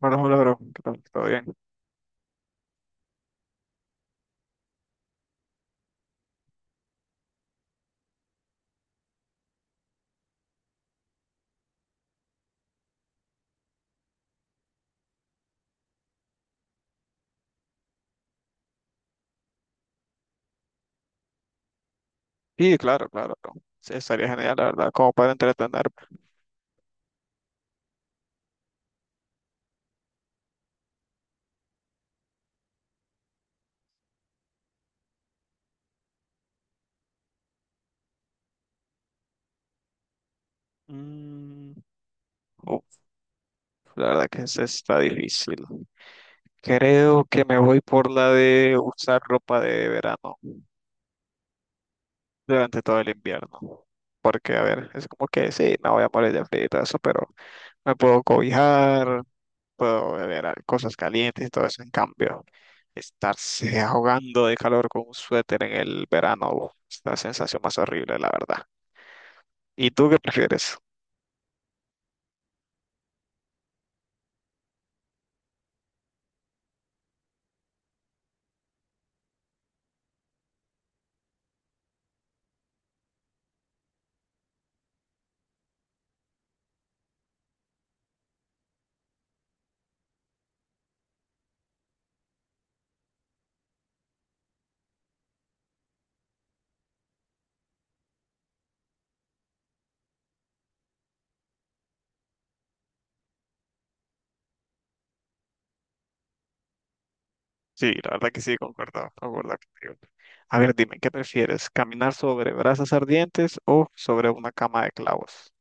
Hola, hola, bro. ¿Qué tal? ¿Todo bien? Sí, claro, claro, bro. Sí, estaría genial, la verdad, como para entretenerme. Mm, uf, la verdad que esa está difícil. Creo que me voy por la de usar ropa de verano durante todo el invierno. Porque, a ver, es como que sí, no voy a morir de frío y todo eso, pero me puedo cobijar, puedo beber cosas calientes y todo eso. En cambio, estarse ahogando de calor con un suéter en el verano, uf, es la sensación más horrible, la verdad. ¿Y tú qué prefieres? Sí, la verdad que sí, concuerdo, concuerdo contigo. A ver, dime, ¿qué prefieres? ¿Caminar sobre brasas ardientes o sobre una cama de clavos?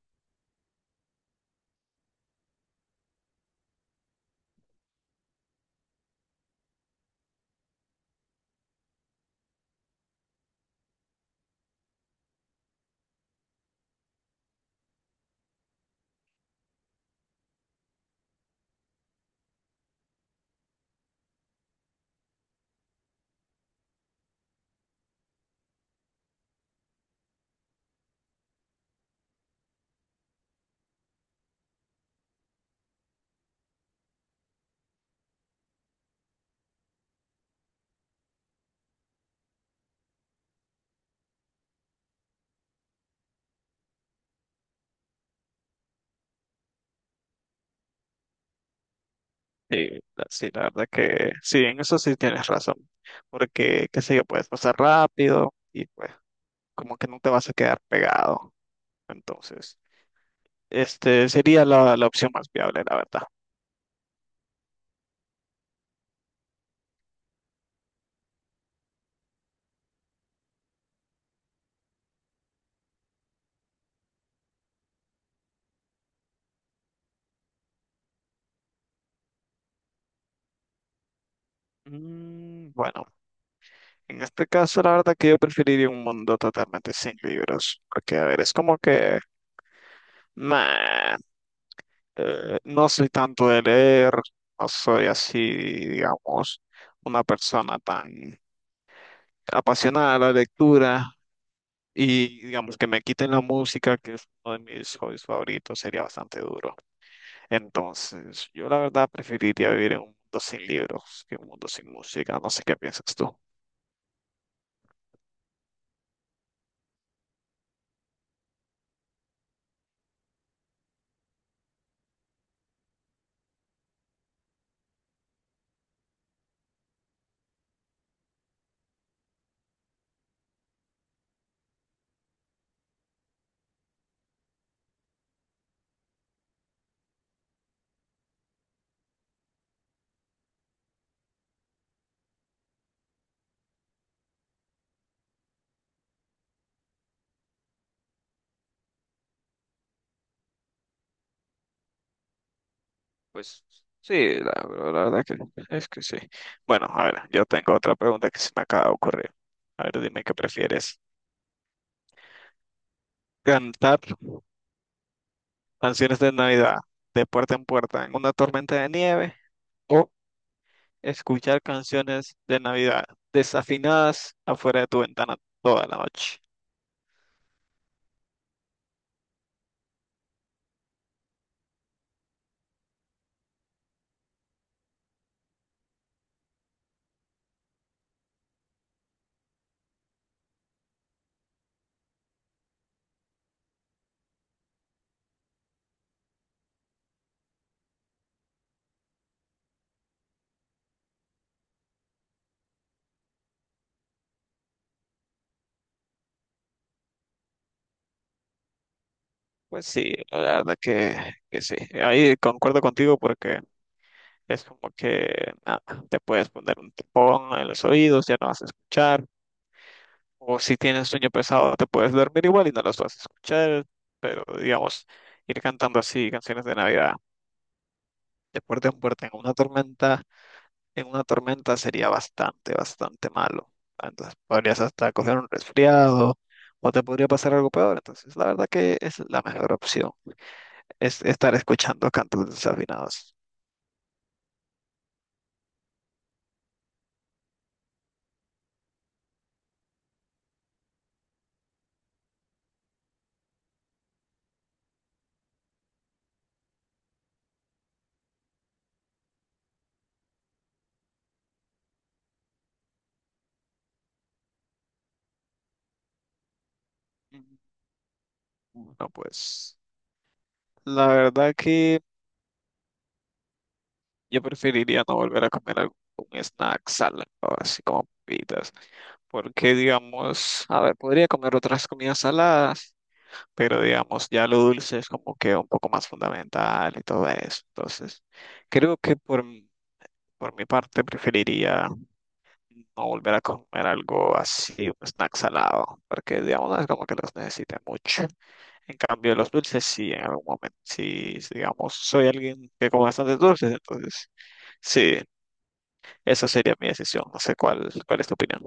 Sí, sí, la verdad que sí, en eso sí tienes razón. Porque, qué sé yo, puedes pasar rápido y pues como que no te vas a quedar pegado. Entonces, este sería la opción más viable, la verdad. Mm, bueno, en este caso, la verdad que yo preferiría un mundo totalmente sin libros. Porque, a ver, es como que... Nah. No soy tanto de leer, no soy así, digamos, una persona tan apasionada de la lectura y digamos que me quiten la música, que es uno de mis hobbies favoritos, sería bastante duro. Entonces, yo la verdad preferiría vivir en un mundo sin libros que un mundo sin música. No sé qué piensas tú. Pues sí, la verdad que es que sí. Bueno, a ver, yo tengo otra pregunta que se me acaba de ocurrir. A ver, dime qué prefieres. ¿Cantar canciones de Navidad de puerta en puerta en una tormenta de nieve, o escuchar canciones de Navidad desafinadas afuera de tu ventana toda la noche? Pues sí, la verdad que sí. Ahí concuerdo contigo porque es como que nada, te puedes poner un tapón en los oídos, ya no vas a escuchar. O si tienes sueño pesado, te puedes dormir igual y no los vas a escuchar. Pero digamos, ir cantando así canciones de Navidad de puerta en puerta en una tormenta en una tormenta sería bastante, bastante malo. Entonces podrías hasta coger un resfriado o te podría pasar algo peor. Entonces, la verdad que es la mejor opción, es estar escuchando cantos desafinados. Mm, bueno, pues la verdad que yo preferiría no volver a comer algún un snack salado, así como papitas, porque digamos, a ver, podría comer otras comidas saladas pero digamos, ya lo dulce es como que un poco más fundamental y todo eso. Entonces, creo que por mi parte preferiría no volver a comer algo así, un snack salado, porque digamos, no es como que los necesite mucho. En cambio, los dulces sí, en algún momento, sí, digamos, soy alguien que come bastantes dulces, entonces sí, esa sería mi decisión. No sé cuál, cuál es tu opinión.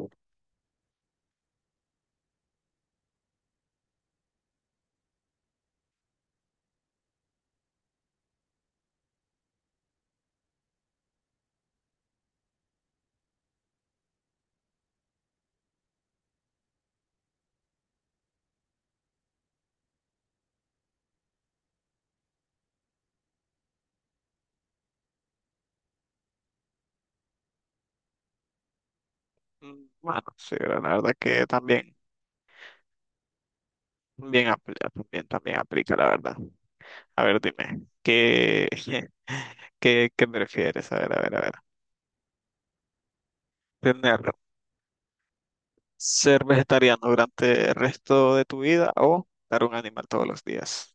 Mm, bueno, sí, la verdad que también, también, también aplica, la verdad. A ver, dime, ¿qué, qué, qué prefieres? A ver, a ver, a ver. ¿Tener ¿Ser vegetariano durante el resto de tu vida o dar un animal todos los días?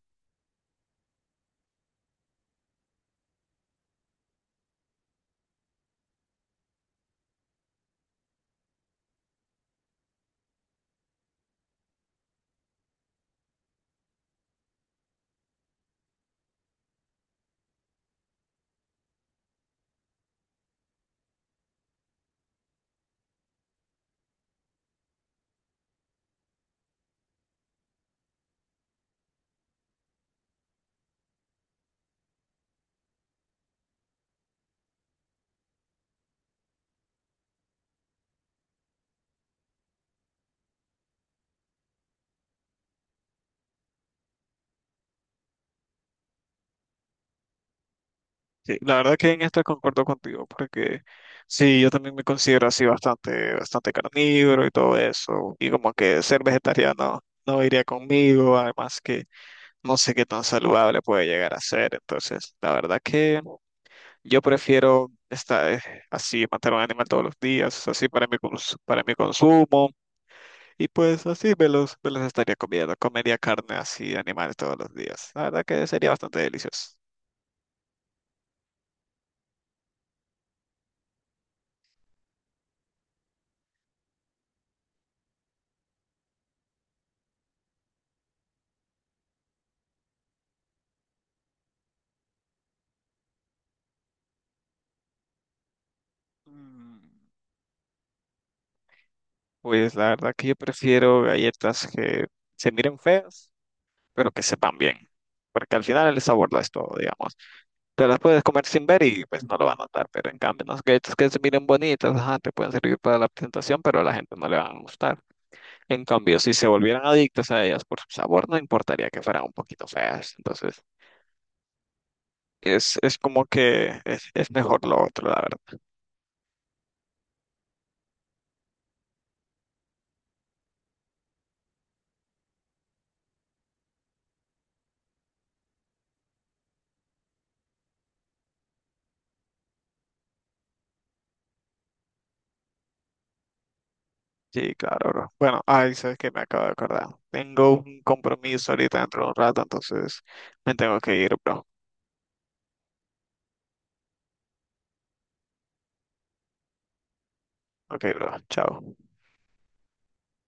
Sí, la verdad que en esto concuerdo contigo, porque sí, yo también me considero así bastante, bastante carnívoro y todo eso, y como que ser vegetariano no iría conmigo, además que no sé qué tan saludable puede llegar a ser, entonces, la verdad que... Yo prefiero estar así, matar a un animal todos los días, así para para mi consumo, y pues así me los estaría comiendo. Comería carne así de animales todos los días. La verdad que sería bastante delicioso. Mm, pues la verdad que yo prefiero galletas que se miren feas, pero que sepan bien. Porque al final el sabor lo es todo, digamos. Te las puedes comer sin ver y pues no lo van a notar. Pero en cambio, las galletas que se miren bonitas, ajá, te pueden servir para la presentación, pero a la gente no le van a gustar. En cambio, si se volvieran adictas a ellas por su sabor, no importaría que fueran un poquito feas. Entonces, es como que es mejor lo otro, la verdad. Sí, claro, bro. Bueno, ay, sabes que me acabo de acordar. Tengo un compromiso ahorita dentro de un rato, entonces me tengo que ir, bro. Ok, bro. Chao.